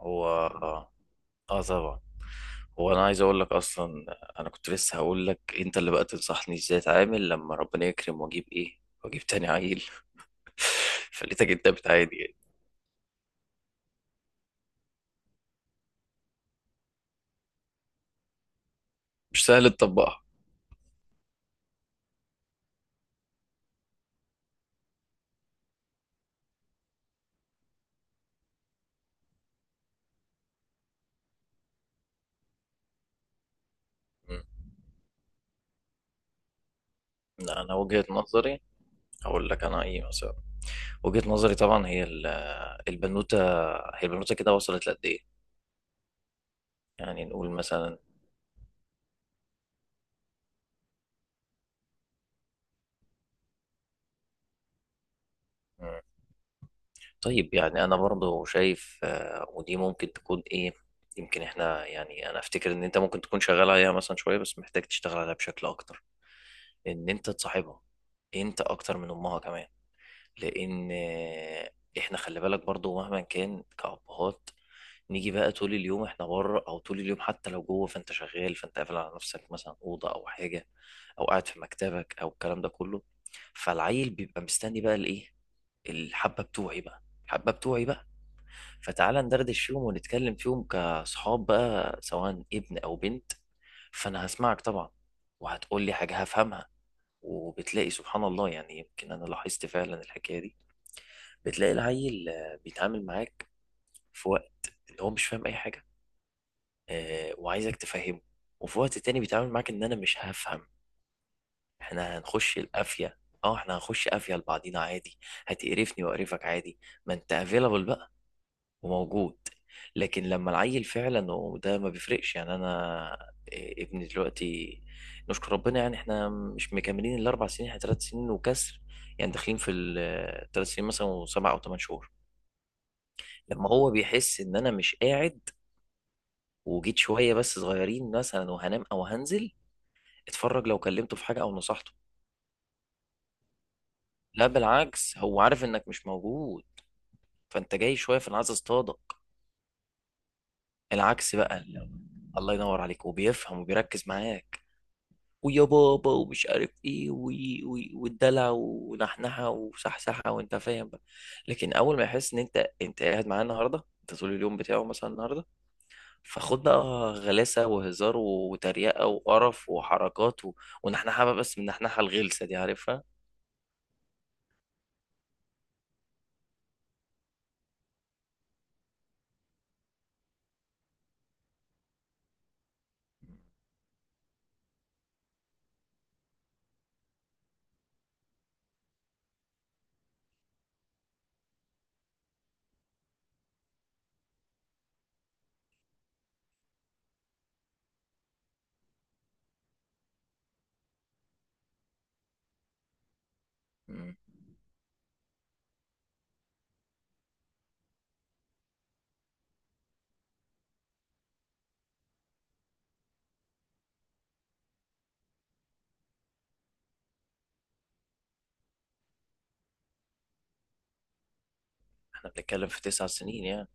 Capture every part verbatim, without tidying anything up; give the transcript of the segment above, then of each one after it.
هو اه آه، طبعا. هو انا عايز اقول لك اصلا انا كنت لسه هقول لك انت اللي بقى تنصحني ازاي اتعامل لما ربنا يكرم واجيب ايه واجيب تاني عيل فلقيتك انت بتعادي يعني. مش سهل تطبقها. مم. لا انا وجهة نظري هقول لك انا ايه مثلا. وجهة نظري طبعا هي ال- البنوتة، هي البنوتة كده وصلت لقد ايه، يعني نقول مثلا. طيب يعني انا برضو شايف آه، ودي ممكن تكون ايه. يمكن احنا يعني انا افتكر ان انت ممكن تكون شغال عليها مثلا شويه بس محتاج تشتغل عليها بشكل اكتر، ان انت تصاحبها انت اكتر من امها كمان. لان آه، احنا خلي بالك برضو مهما كان كأبهات، نيجي بقى طول اليوم احنا بره او طول اليوم حتى لو جوه فانت شغال فانت قافل على نفسك مثلا اوضه او حاجه او قاعد في مكتبك او الكلام ده كله. فالعيل بيبقى مستني بقى الايه، الحبه بتوعي بقى الحبه بتوعي بقى، فتعالى ندردش فيهم ونتكلم فيهم كصحاب بقى سواء ابن أو بنت. فأنا هسمعك طبعا وهتقول لي حاجة هفهمها. وبتلاقي سبحان الله يعني يمكن أنا لاحظت فعلا الحكاية دي، بتلاقي العيل آه، بيتعامل معاك في وقت إن هو مش فاهم أي حاجة آه، وعايزك تفهمه، وفي وقت تاني بيتعامل معاك إن أنا مش هفهم. إحنا هنخش القافية اه احنا هنخش قافية لبعضينا عادي، هتقرفني وأقرفك عادي، ما انت افيلابل بقى وموجود. لكن لما العيل فعلا، وده ما بيفرقش يعني انا إيه، ابني دلوقتي نشكر ربنا يعني احنا مش مكملين الأربع سنين، احنا ثلاث سنين وكسر، يعني داخلين في الثلاث سنين مثلا وسبع او ثمان شهور. لما هو بيحس ان انا مش قاعد وجيت شويه بس صغيرين مثلا وهنام او هنزل اتفرج لو كلمته في حاجه او نصحته، لا بالعكس هو عارف انك مش موجود فانت جاي شويه فانا عايز اصطادك. العكس بقى، الله ينور عليك، وبيفهم وبيركز معاك ويا بابا ومش عارف ايه وي- وي- والدلع ونحنحه وصحصحه وانت فاهم بقى. لكن اول ما يحس ان انت انت قاعد معاه النهارده انت طول اليوم بتاعه مثلا النهارده فخد بقى غلاسه وهزار وتريقه وقرف وحركات و... ونحنحه بقى، بس من النحنحه الغلسه دي عارفها. مم. احنا بنتكلم في تسع سنين يعني.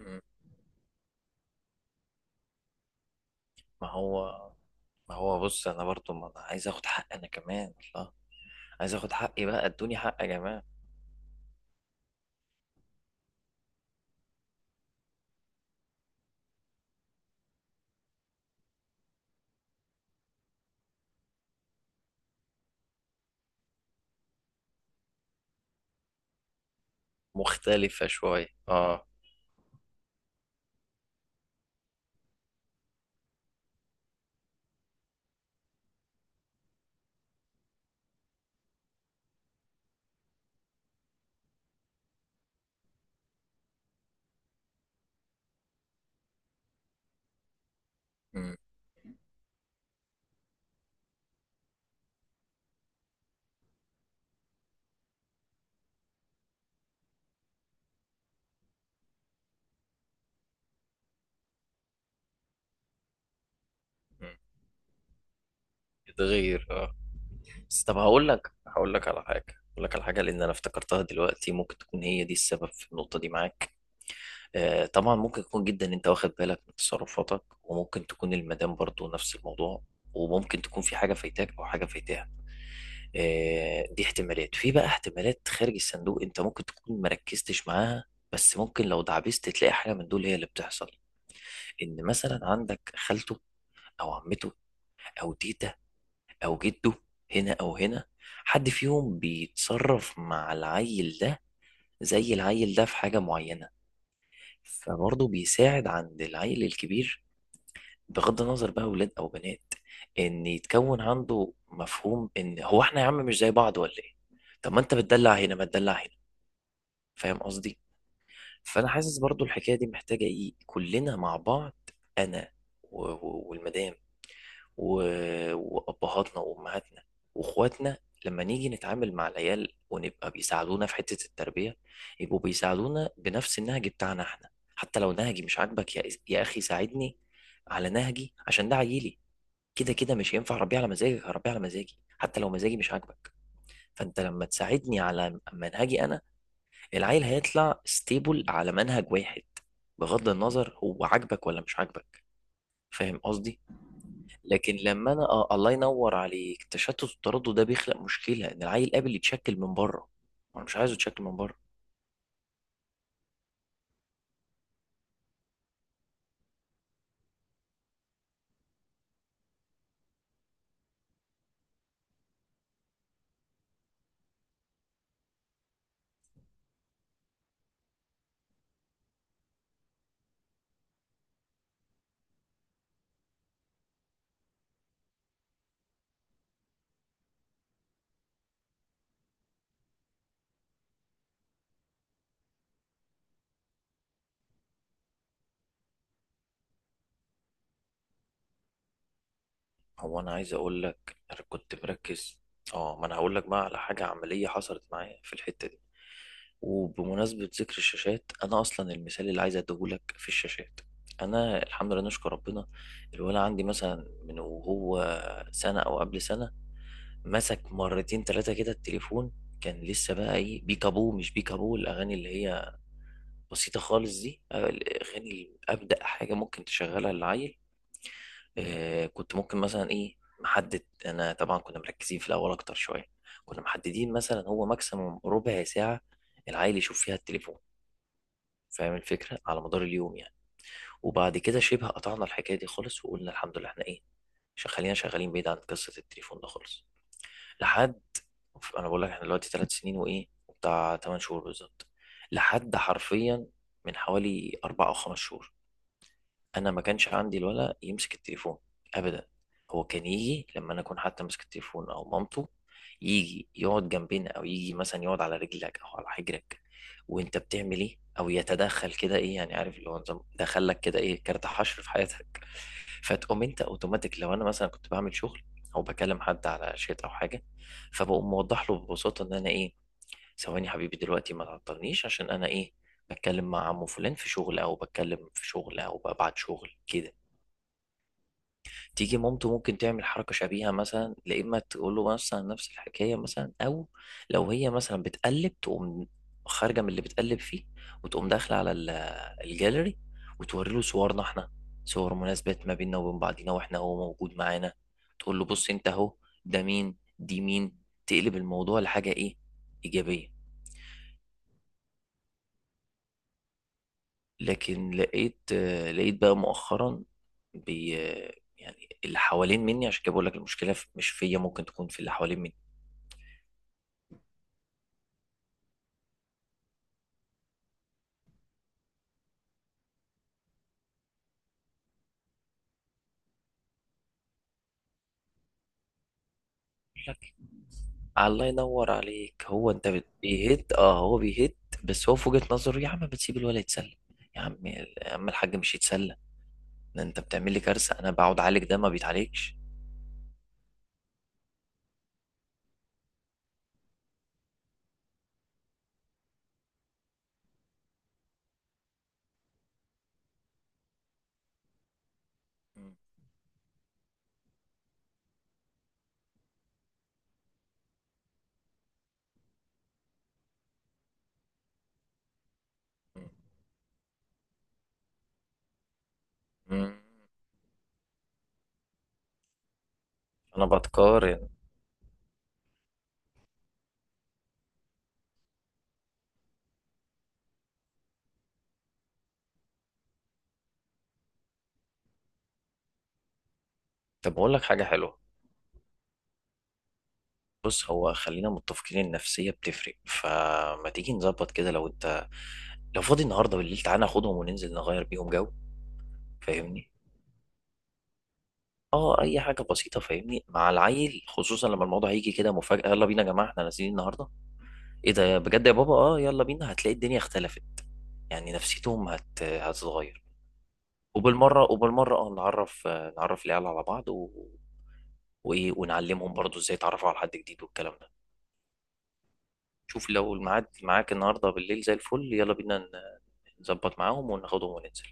مم. ما هو ما هو بص انا برضو ما انا عايز اخد حق انا كمان، الله، عايز اخد حقي بقى ادوني حق يا جماعه. مختلفه شويه اه. مم. يتغير اه. بس طب هقول لك هقول لك على حاجه، هقول لك على حاجه لان انا افتكرتها دلوقتي، ممكن تكون هي دي السبب في النقطه دي معاك. آه طبعا ممكن يكون جدا انت واخد بالك من تصرفاتك، وممكن تكون المدام برضو نفس الموضوع، وممكن تكون في حاجه فايتاك او حاجه فايتاها. آه دي احتمالات، في بقى احتمالات خارج الصندوق، انت ممكن تكون مركزتش معاها. بس ممكن لو دعبست تلاقي حاجه من دول هي اللي بتحصل، ان مثلا عندك خالته او عمته او تيتا او جده هنا او هنا، حد فيهم بيتصرف مع العيل ده زي العيل ده في حاجة معينة فبرضه بيساعد عند العيل الكبير، بغض النظر بقى ولاد او بنات، ان يتكون عنده مفهوم ان هو احنا يا عم مش زي بعض ولا ايه. طب ما انت بتدلع هنا ما تدلع هنا، فاهم قصدي. فانا حاسس برضه الحكاية دي محتاجة ايه، كلنا مع بعض، انا و- و- والمدام و- وابهاتنا وامهاتنا واخواتنا، لما نيجي نتعامل مع العيال ونبقى بيساعدونا في حته التربيه يبقوا بيساعدونا بنفس النهج بتاعنا احنا. حتى لو نهجي مش عاجبك يا يا اخي ساعدني على نهجي عشان ده عيلي. كده كده مش هينفع اربيه على مزاجك، هربيه على مزاجي حتى لو مزاجي مش عاجبك. فانت لما تساعدني على منهجي انا، العيل هيطلع ستيبل على منهج واحد، بغض النظر هو عاجبك ولا مش عاجبك. فاهم قصدي. لكن لما انا آه، الله ينور عليك، التشتت والتردد ده بيخلق مشكله ان العيل قابل يتشكل من بره، انا مش عايزه يتشكل من بره. هو انا عايز اقول لك انا كنت مركز. اه ما انا هقول لك بقى على حاجه عمليه حصلت معايا في الحته دي، وبمناسبه ذكر الشاشات انا اصلا المثال اللي عايز اديهولك في الشاشات. انا الحمد لله نشكر ربنا، الولد عندي مثلا من وهو سنه او قبل سنه مسك مرتين ثلاثه كده التليفون، كان لسه بقى ايه بيكابو مش بيكابو، الاغاني اللي هي بسيطة خالص دي أغاني أبدأ حاجة ممكن تشغلها للعيل. آه كنت ممكن مثلا إيه محدد، أنا طبعا كنا مركزين في الأول أكتر شوية، كنا محددين مثلا هو ماكسيموم ربع ساعة العيل يشوف فيها التليفون، فاهم الفكرة، على مدار اليوم يعني. وبعد كده شبه قطعنا الحكاية دي خالص وقلنا الحمد لله إحنا إيه، ش- خلينا شغالين بعيد عن قصة التليفون ده خالص. لحد، أنا بقول لك إحنا دلوقتي ثلاث سنين وإيه وبتاع ثمانية شهور بالظبط، لحد حرفيا من حوالي أربع أو خمس شهور انا ما كانش عندي الولد يمسك التليفون ابدا. هو كان يجي لما انا اكون حتى ماسك التليفون او مامته، يجي يقعد جنبنا او يجي مثلا يقعد على رجلك او على حجرك وانت بتعمل ايه او يتدخل كده ايه، يعني عارف اللي هو نظام دخلك كده ايه، كارت حشر في حياتك. فتقوم انت اوتوماتيك لو انا مثلا كنت بعمل شغل او بكلم حد على شات او حاجه، فبقوم موضح له ببساطه ان انا ايه، ثواني يا حبيبي دلوقتي ما تعطلنيش عشان انا ايه، بتكلم مع عمو فلان في شغل او بتكلم في شغل او ببعت شغل كده. تيجي مامته ممكن تعمل حركه شبيهه مثلا، لا اما تقول له مثلا نفس الحكايه مثلا، او لو هي مثلا بتقلب تقوم خارجه من اللي بتقلب فيه، وتقوم داخله على ال- الجاليري وتوري له صورنا احنا، صور مناسبات ما بيننا وبين بعضينا واحنا هو موجود معانا، تقول له بص انت اهو ده مين دي مين، تقلب الموضوع لحاجه ايه، ايجابيه. لكن لقيت آه، لقيت بقى مؤخرا بي آه، يعني اللي حوالين مني، عشان كده بقول لك المشكله في- مش فيا، ممكن تكون في اللي حوالين مني. يقول لك الله ينور عليك، هو انت بت- بيهت اه هو بيهت. بس هو في وجهه نظره يا عم ما تسيب الولد يتسلى، يا عم يا عم الحاج، مش يتسلى ده انت بتعمل لي كارثه انا بقعد اعالج ده ما بيتعالجش. مم. مم. انا بتقارن. طب اقول لك حاجه حلوه، بص هو خلينا متفقين النفسية بتفرق، فما تيجي نظبط كده، لو انت لو فاضي النهاردة بالليل تعالى ناخدهم وننزل نغير بيهم جو. فاهمني، اه اي حاجة بسيطة، فاهمني، مع العيل خصوصا لما الموضوع هيجي كده مفاجأة، يلا بينا يا جماعة احنا نازلين النهاردة، ايه ده يا- بجد يا بابا اه، يلا بينا، هتلاقي الدنيا اختلفت يعني نفسيتهم هت... هتتغير. وبالمرة وبالمرة اه نعرف نعرف العيال على بعض و... وايه، ونعلمهم برضو ازاي يتعرفوا على حد جديد والكلام ده. شوف لو الميعاد معاك النهارده بالليل زي الفل يلا بينا ن- نظبط معاهم وناخدهم وننزل.